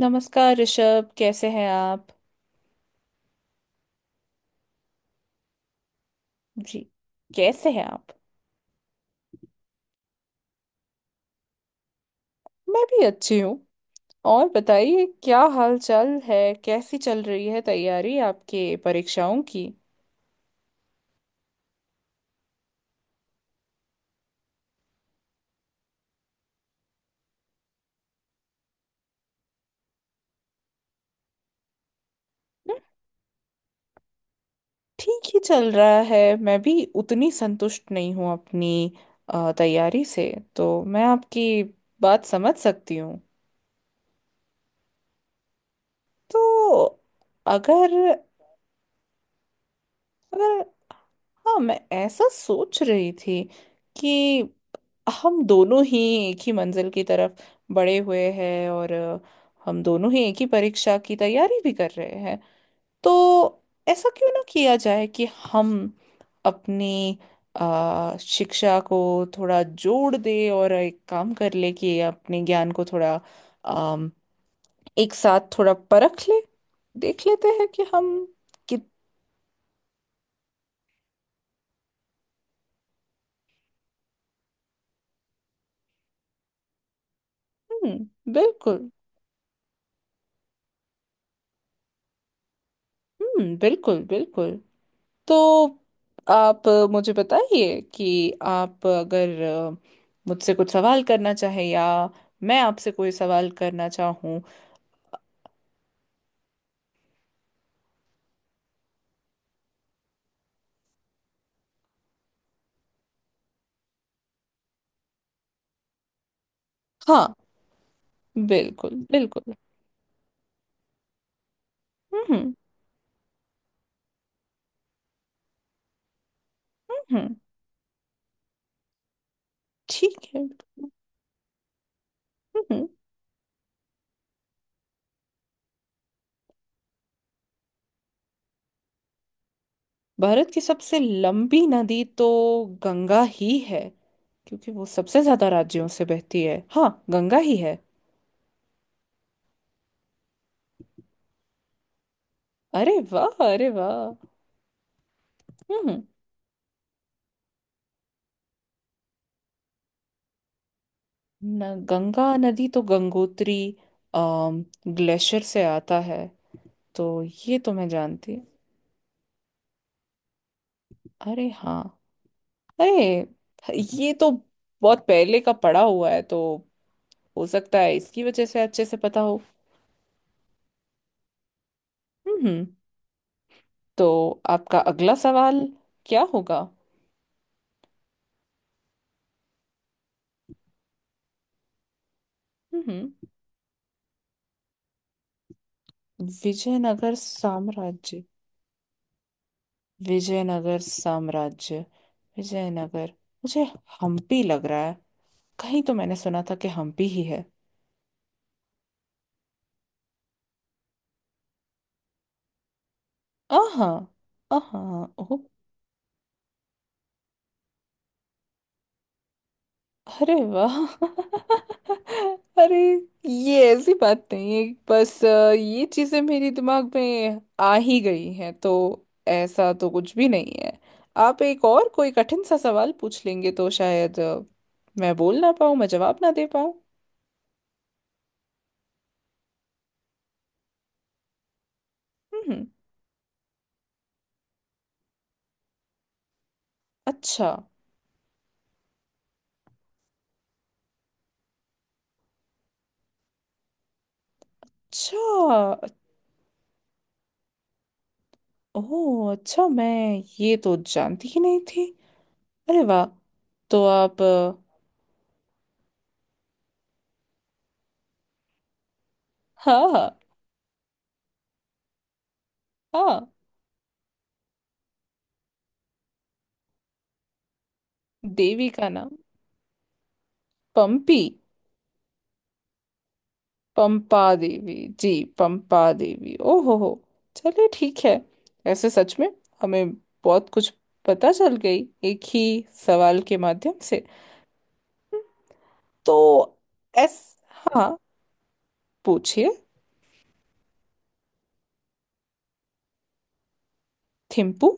नमस्कार ऋषभ, कैसे हैं आप। जी। कैसे हैं आप। मैं भी अच्छी हूँ। और बताइए, क्या हाल चाल है। कैसी चल रही है तैयारी आपके परीक्षाओं की। हम्म, ठीक ही चल रहा है, मैं भी उतनी संतुष्ट नहीं हूँ अपनी तैयारी से। तो मैं आपकी बात समझ सकती हूँ। तो अगर अगर हाँ, मैं ऐसा सोच रही थी कि हम दोनों ही एक ही मंजिल की तरफ बढ़े हुए हैं, और हम दोनों ही एक ही परीक्षा की तैयारी भी कर रहे हैं। तो ऐसा क्यों ना किया जाए कि हम अपनी शिक्षा को थोड़ा जोड़ दे, और एक काम कर ले कि अपने ज्ञान को थोड़ा अम, एक साथ थोड़ा परख ले। देख लेते हैं कि हम कित बिल्कुल। बिल्कुल बिल्कुल। तो आप मुझे बताइए कि आप अगर मुझसे कुछ सवाल करना चाहे, या मैं आपसे कोई सवाल करना चाहूँ। हाँ। बिल्कुल बिल्कुल। हम्म, हम्म। ठीक है। हम्म। भारत की सबसे लंबी नदी तो गंगा ही है, क्योंकि वो सबसे ज्यादा राज्यों से बहती है। हाँ, गंगा ही है। अरे वाह, अरे वाह। हम्म। न, गंगा नदी तो गंगोत्री ग्लेशियर से आता है। तो ये तो मैं जानती हूँ। अरे हाँ। अरे, ये तो बहुत पहले का पढ़ा हुआ है, तो हो सकता है इसकी वजह से अच्छे से पता हो। हम्म। तो आपका अगला सवाल क्या होगा। हम्म। विजयनगर साम्राज्य। विजयनगर साम्राज्य। विजयनगर, मुझे हम्पी लग रहा है। कहीं तो मैंने सुना था कि हम्पी ही है। आहा। आहा। ओ। अरे वाह। अरे, ये ऐसी बात नहीं है। बस ये चीजें मेरे दिमाग में आ ही गई हैं, तो ऐसा तो कुछ भी नहीं है। आप एक और कोई कठिन सा सवाल पूछ लेंगे तो शायद मैं बोल ना पाऊँ, मैं जवाब ना दे पाऊँ। हम्म। अच्छा। अच्छा। ओह, अच्छा, मैं ये तो जानती ही नहीं थी। अरे वाह। तो आप हाँ हाँ। हाँ। देवी का नाम पंपी। पंपा देवी जी। पंपा देवी। ओ हो हो। चलिए, ठीक है। ऐसे सच में हमें बहुत कुछ पता चल गई एक ही सवाल के माध्यम से। तो। एस। हाँ, पूछिए। थिम्पू।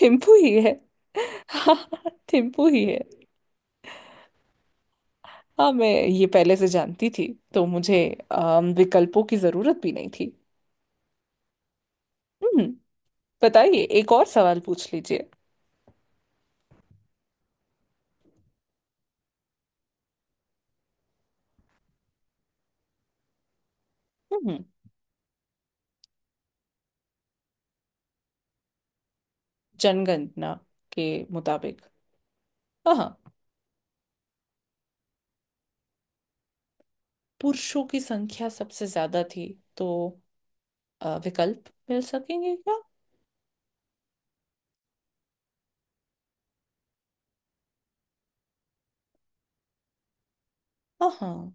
थिम्पू ही है। हाँ। थिम्पू ही है। हाँ, मैं ये पहले से जानती थी, तो मुझे विकल्पों की जरूरत भी नहीं थी। हम्म। बताइए, एक और सवाल पूछ लीजिए। हम्म। जनगणना के मुताबिक। हाँ हाँ। पुरुषों की संख्या सबसे ज्यादा थी, तो विकल्प मिल सकेंगे क्या। हाँ हाँ।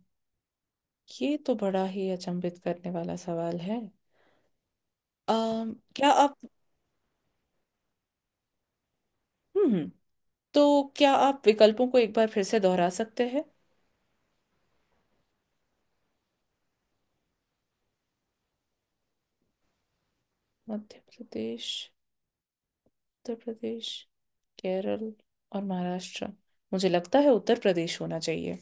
ये तो बड़ा ही अचंभित करने वाला सवाल है। क्या आप... हम्म, हम्म। तो क्या आप विकल्पों को एक बार फिर से दोहरा सकते हैं। मध्य प्रदेश, उत्तर प्रदेश, केरल और महाराष्ट्र। मुझे लगता है उत्तर प्रदेश होना चाहिए।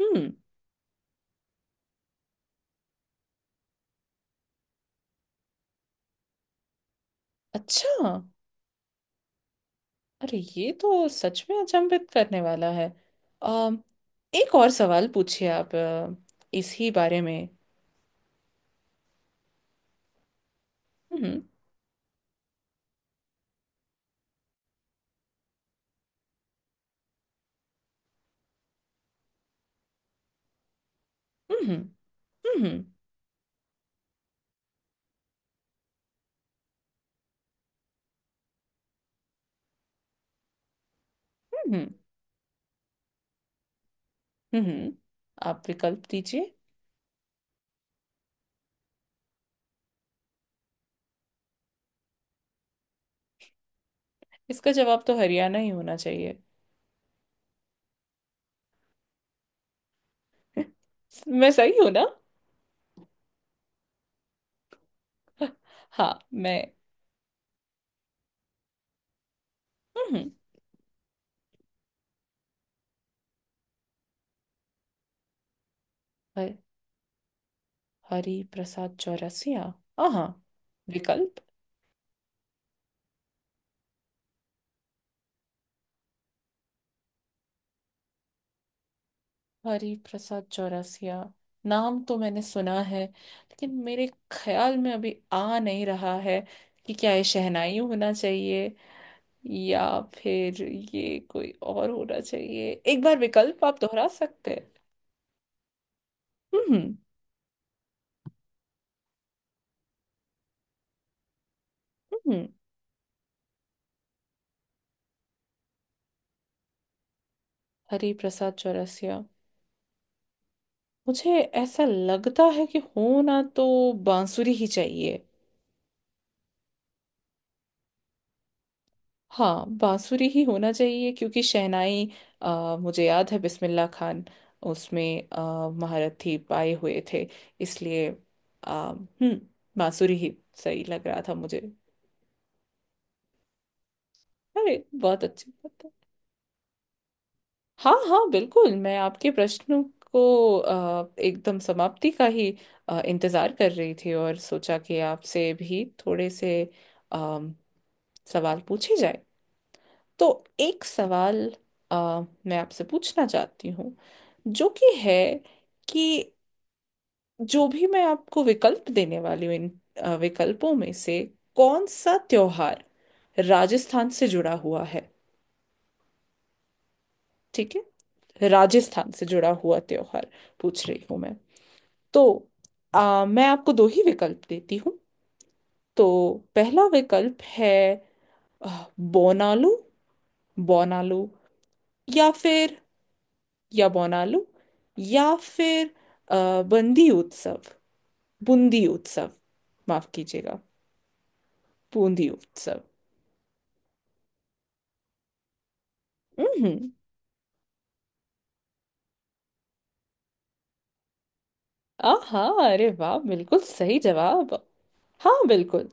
हम्म। अच्छा। अरे, ये तो सच में अचंभित करने वाला है। अम एक और सवाल पूछिए आप, इसी बारे में। हम्म। हम्म, हम्म। हम्म, हम्म, आप विकल्प दीजिए। इसका जवाब तो हरियाणा ही होना चाहिए। मैं सही हूं ना। हाँ। मैं... हम्म। हर- हरि प्रसाद चौरसिया। हाँ। विकल्प। हरि प्रसाद चौरसिया, नाम तो मैंने सुना है, लेकिन मेरे ख्याल में अभी आ नहीं रहा है कि क्या ये शहनाई होना चाहिए, या फिर ये कोई और होना चाहिए। एक बार विकल्प आप दोहरा सकते हैं। हम्म। हम्म। हरि प्रसाद चौरसिया, मुझे ऐसा लगता है कि होना तो बांसुरी ही चाहिए। हाँ, बांसुरी ही होना चाहिए, क्योंकि शहनाई... मुझे याद है बिस्मिल्लाह खान उसमें महारथी पाए हुए थे। इसलिए हम्म, बांसुरी ही सही लग रहा था मुझे। अरे, बहुत अच्छी बात है। हाँ हाँ, बिल्कुल, मैं आपके प्रश्नों को एकदम समाप्ति का ही इंतजार कर रही थी, और सोचा कि आपसे भी थोड़े से अम, सवाल पूछे जाए। तो एक सवाल अ, मैं आपसे पूछना चाहती हूँ, जो कि है कि जो भी मैं आपको विकल्प देने वाली हूँ, इन विकल्पों में से कौन सा त्योहार राजस्थान से जुड़ा हुआ है। ठीक है। राजस्थान से जुड़ा हुआ त्योहार पूछ रही हूँ मैं। तो मैं आपको दो ही विकल्प देती हूँ। तो पहला विकल्प है अ, बोनालू। बोनालू। या फिर... या बोनालू या फिर बंदी उत्सव बूंदी उत्सव। माफ कीजिएगा। बूंदी उत्सव। हम्म। आहा। अरे वाह, बिल्कुल सही जवाब। हाँ, बिल्कुल,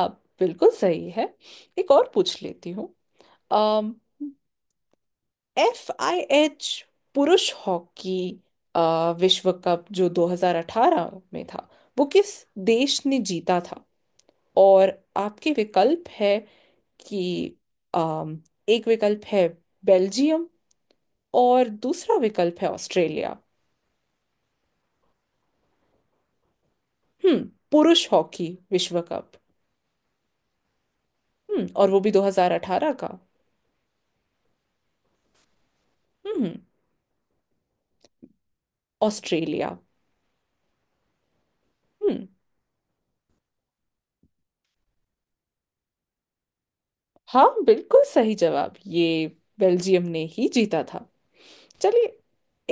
आप बिल्कुल सही है। एक और पूछ लेती हूँ। एफ आई एच पुरुष हॉकी अ, विश्व कप जो 2018 में था, वो किस देश ने जीता था। और आपके विकल्प है कि अम, एक विकल्प है बेल्जियम, और दूसरा विकल्प है ऑस्ट्रेलिया। हम्म। पुरुष हॉकी विश्व कप। हम्म, और वो भी 2018 का। हम्म। ऑस्ट्रेलिया। हम्म। हाँ, बिल्कुल सही जवाब, ये बेल्जियम ने ही जीता था। चलिए,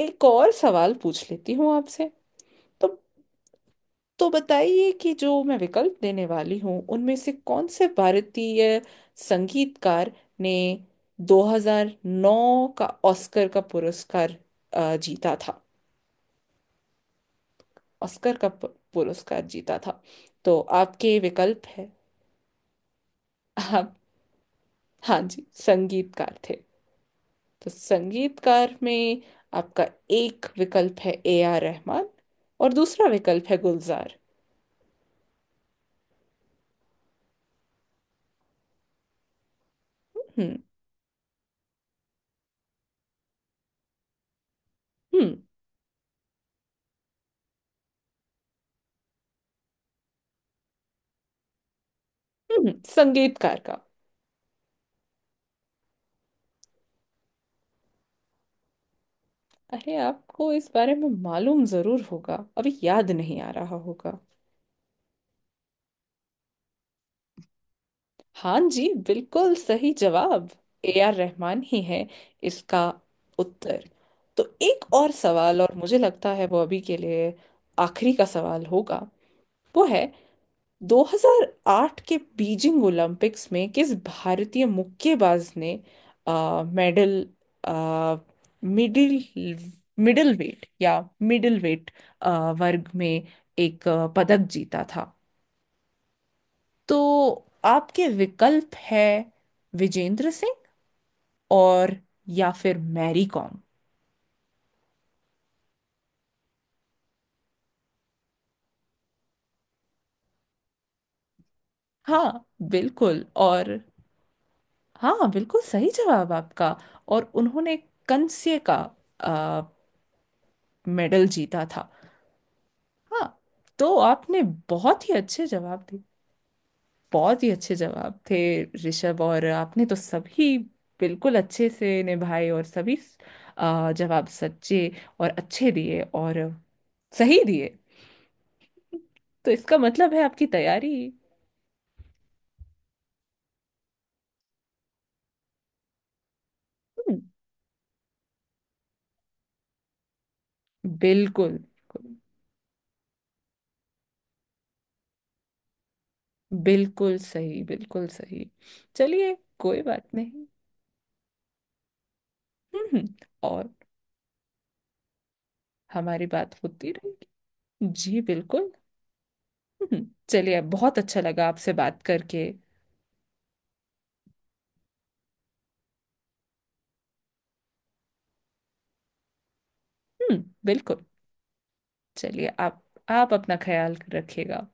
एक और सवाल पूछ लेती हूँ आपसे। तो... तो बताइए कि जो मैं विकल्प देने वाली हूँ, उनमें से कौन से भारतीय संगीतकार ने 2009 का ऑस्कर का पुरस्कार जीता था। ऑस्कर का पुरस्कार जीता था। तो आपके विकल्प है। आप... हाँ जी, संगीतकार थे। तो संगीतकार में आपका एक विकल्प है ए आर रहमान, और दूसरा विकल्प है गुलजार। हम्म। हम्म। संगीतकार का। अरे, आपको इस बारे में मालूम जरूर होगा, अभी याद नहीं आ रहा होगा। हाँ जी, बिल्कुल सही जवाब। ए आर रहमान ही है इसका उत्तर। तो एक और सवाल, और मुझे लगता है वो अभी के लिए आखिरी का सवाल होगा। वो है 2008 के बीजिंग ओलंपिक्स में किस भारतीय मुक्केबाज ने मेडल... आ, मिडिल मिडिल वेट, या मिडिल वेट वर्ग में एक पदक जीता था। तो आपके विकल्प है विजेंद्र सिंह और, या फिर मैरी कॉम। हाँ, बिल्कुल। और हाँ, बिल्कुल सही जवाब आपका। और उन्होंने कंस्य का आ, मेडल जीता था। हाँ। तो आपने बहुत ही अच्छे जवाब दिए। बहुत ही अच्छे जवाब थे, ऋषभ। और आपने तो सभी बिल्कुल अच्छे से निभाए, और सभी जवाब सच्चे और अच्छे दिए, और सही दिए। तो इसका मतलब है आपकी तैयारी... हम्म, बिल्कुल बिल्कुल। बिल्कुल सही, बिल्कुल सही। चलिए, कोई बात नहीं। हम्म। और हमारी बात होती रहेगी। जी, बिल्कुल। चलिए, बहुत अच्छा लगा आपसे बात करके। बिल्कुल। चलिए, आप अपना ख्याल रखिएगा।